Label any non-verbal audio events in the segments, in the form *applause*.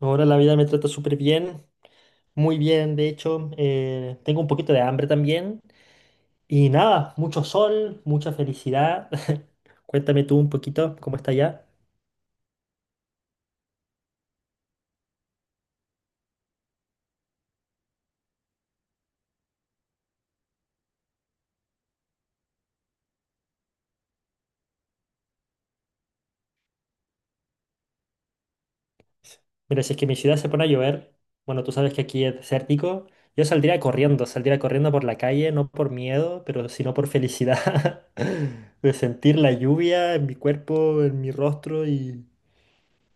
Ahora la vida me trata súper bien, muy bien, de hecho. Tengo un poquito de hambre también. Y nada, mucho sol, mucha felicidad. *laughs* Cuéntame tú un poquito cómo está allá. Mira, si es que mi ciudad se pone a llover, bueno, tú sabes que aquí es desértico, yo saldría corriendo por la calle, no por miedo, pero sino por felicidad. *laughs* De sentir la lluvia en mi cuerpo, en mi rostro. Y...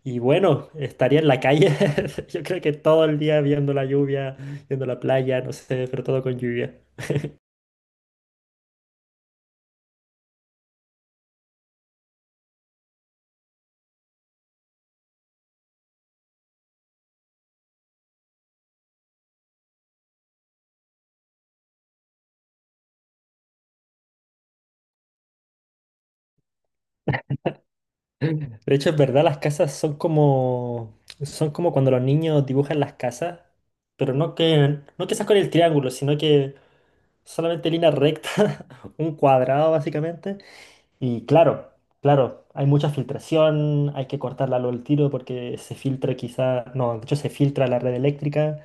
Y bueno, estaría en la calle, *laughs* yo creo que todo el día viendo la lluvia, viendo la playa, no sé, pero todo con lluvia. De hecho, es verdad, las casas son como cuando los niños dibujan las casas, pero no que seas con el triángulo, sino que solamente línea recta, *laughs* un cuadrado básicamente. Y claro, claro, hay mucha filtración, hay que cortarla luego al tiro porque se filtra quizá, no, de hecho se filtra la red eléctrica,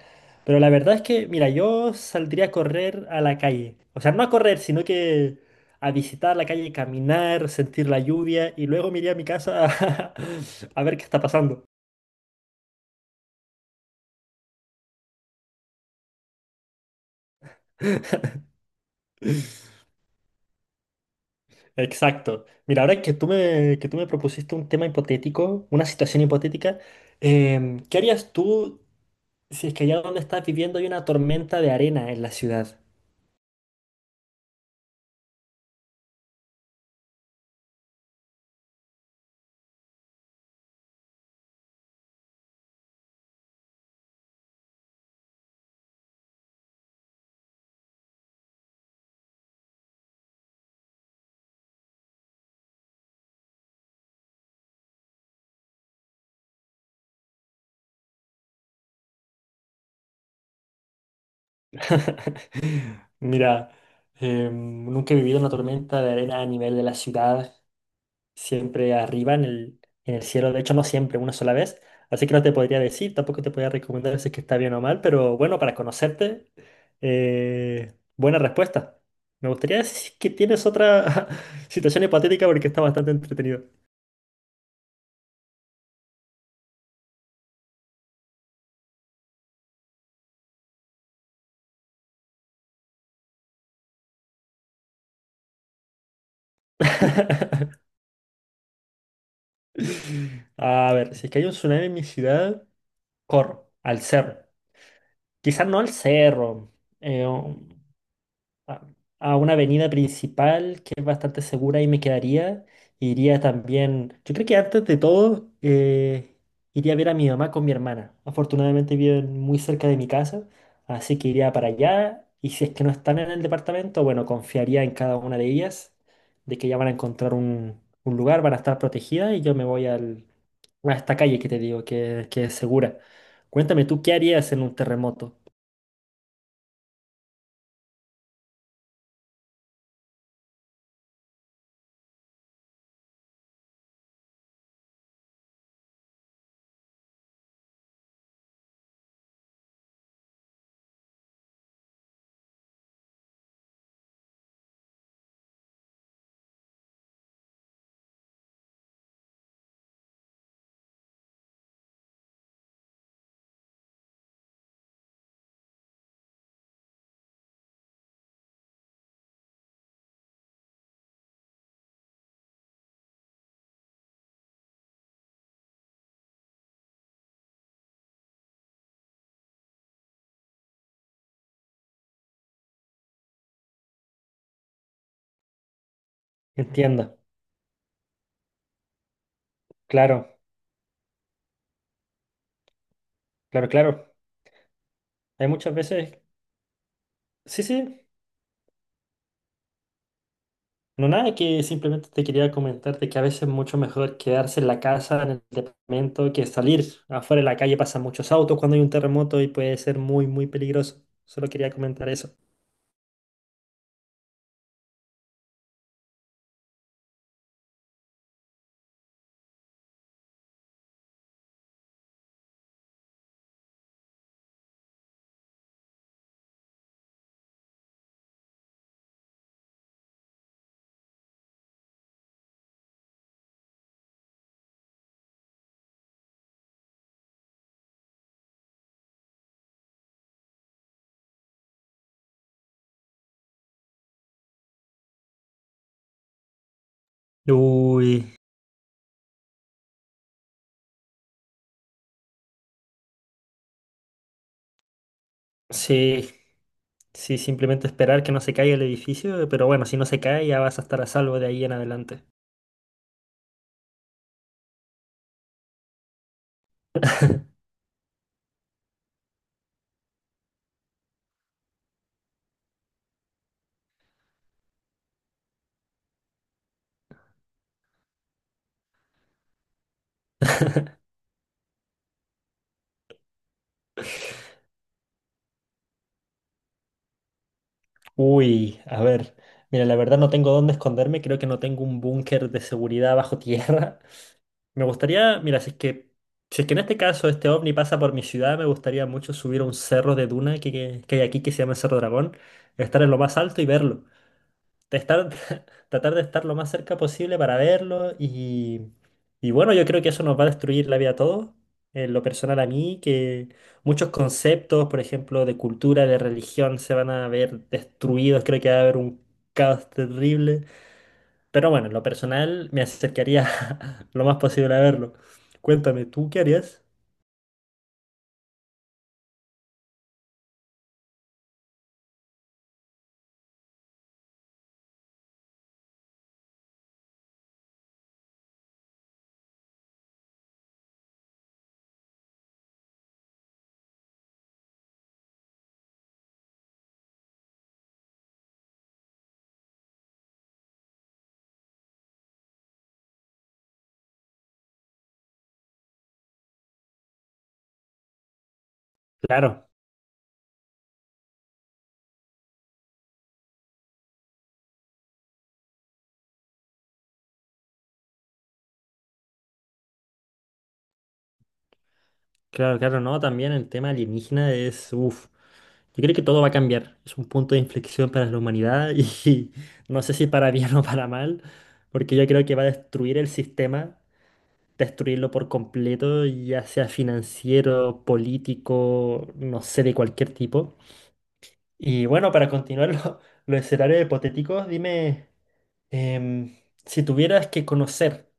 pero la verdad es que, mira, yo saldría a correr a la calle, o sea, no a correr, sino que a visitar la calle, caminar, sentir la lluvia y luego me iría a mi casa, a, *laughs* a ver qué está pasando. Exacto. Mira, ahora que tú me propusiste un tema hipotético, una situación hipotética, ¿qué harías tú? Si es que allá donde estás viviendo hay una tormenta de arena en la ciudad. *laughs* Mira, nunca he vivido una tormenta de arena a nivel de la ciudad, siempre arriba en el cielo, de hecho no siempre, una sola vez, así que no te podría decir, tampoco te podría recomendar si es que está bien o mal, pero bueno, para conocerte, buena respuesta. Me gustaría decir que tienes otra *laughs* situación hipotética porque está bastante entretenido. A ver, si es que hay un tsunami en mi ciudad, corro al cerro. Quizás no al cerro, eh, un- a, a una avenida principal que es bastante segura y me quedaría. Iría también, yo creo que antes de todo, iría a ver a mi mamá con mi hermana. Afortunadamente viven muy cerca de mi casa, así que iría para allá. Y si es que no están en el departamento, bueno, confiaría en cada una de ellas, de que ya van a encontrar un lugar, van a estar protegidas y yo me voy al- a esta calle que te digo, que es segura. Cuéntame, ¿tú qué harías en un terremoto? Entiendo. Claro, claro, claro. Hay muchas veces, sí, sí, no nada, que simplemente te quería comentarte que a veces es mucho mejor quedarse en la casa, en el departamento, que salir afuera en la calle. Pasan muchos autos cuando hay un terremoto y puede ser muy, muy peligroso. Solo quería comentar eso. Uy, sí, sí, simplemente esperar que no se caiga el edificio, pero bueno, si no se cae ya vas a estar a salvo de ahí en adelante. *laughs* Uy, a ver, mira, la verdad no tengo dónde esconderme, creo que no tengo un búnker de seguridad bajo tierra. Me gustaría, mira, si es que en este caso este ovni pasa por mi ciudad, me gustaría mucho subir a un cerro de duna que hay aquí que se llama el Cerro Dragón, estar en lo más alto y verlo. De estar, *laughs* tratar de estar lo más cerca posible para verlo. Y y bueno, yo creo que eso nos va a destruir la vida a todos, en lo personal a mí, que muchos conceptos, por ejemplo, de cultura, de religión, se van a ver destruidos, creo que va a haber un caos terrible. Pero bueno, en lo personal me acercaría *laughs* lo más posible a verlo. Cuéntame, ¿tú qué harías? Claro, claro, claro, no, también el tema alienígena es, uff, yo creo que todo va a cambiar, es un punto de inflexión para la humanidad y *laughs* no sé si para bien o para mal, porque yo creo que va a destruir el sistema, destruirlo por completo, ya sea financiero, político, no sé, de cualquier tipo. Y bueno, para continuar *laughs* los escenarios hipotéticos, dime... Em, si tuvieras que conocer,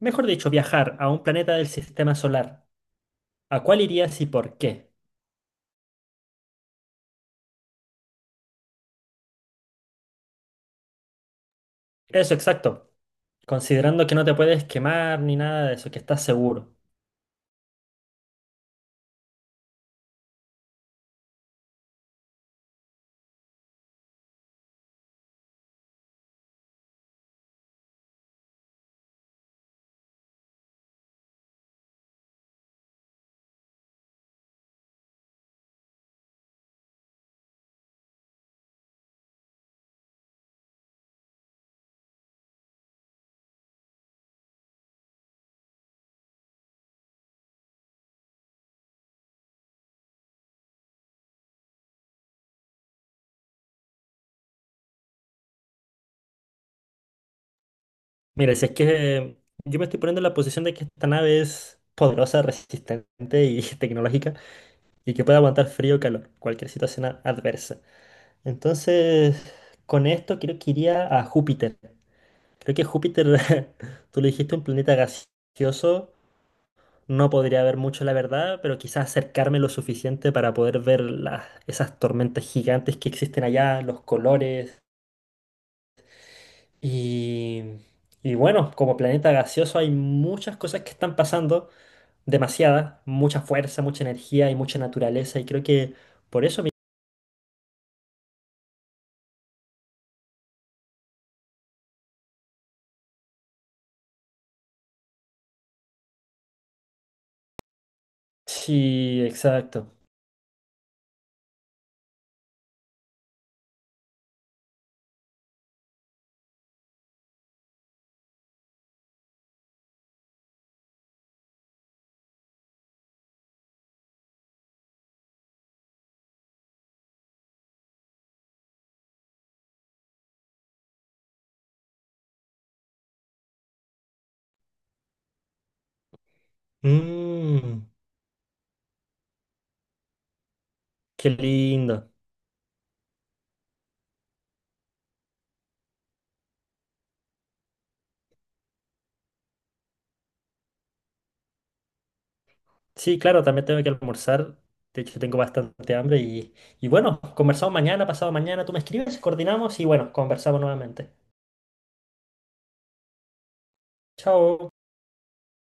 mejor dicho, viajar a un planeta del sistema solar, ¿a cuál irías y por qué? Eso, exacto. Considerando que no te puedes quemar ni nada de eso, que estás seguro. Mira, si es que yo me estoy poniendo en la posición de que esta nave es poderosa, resistente y *laughs* tecnológica y que puede aguantar frío o calor, cualquier situación adversa. Entonces, con esto creo que iría a Júpiter. Creo que Júpiter, *laughs* tú lo dijiste, un planeta gaseoso. No podría ver mucho la verdad, pero quizás acercarme lo suficiente para poder ver las, esas tormentas gigantes que existen allá, los colores. Y, y bueno, como planeta gaseoso hay muchas cosas que están pasando, demasiadas, mucha fuerza, mucha energía y mucha naturaleza. Y creo que por eso... Sí, exacto. Mm, qué lindo. Sí, claro, también tengo que almorzar. De hecho, tengo bastante hambre y bueno, conversamos mañana, pasado mañana, tú me escribes, coordinamos y bueno, conversamos nuevamente. Chao.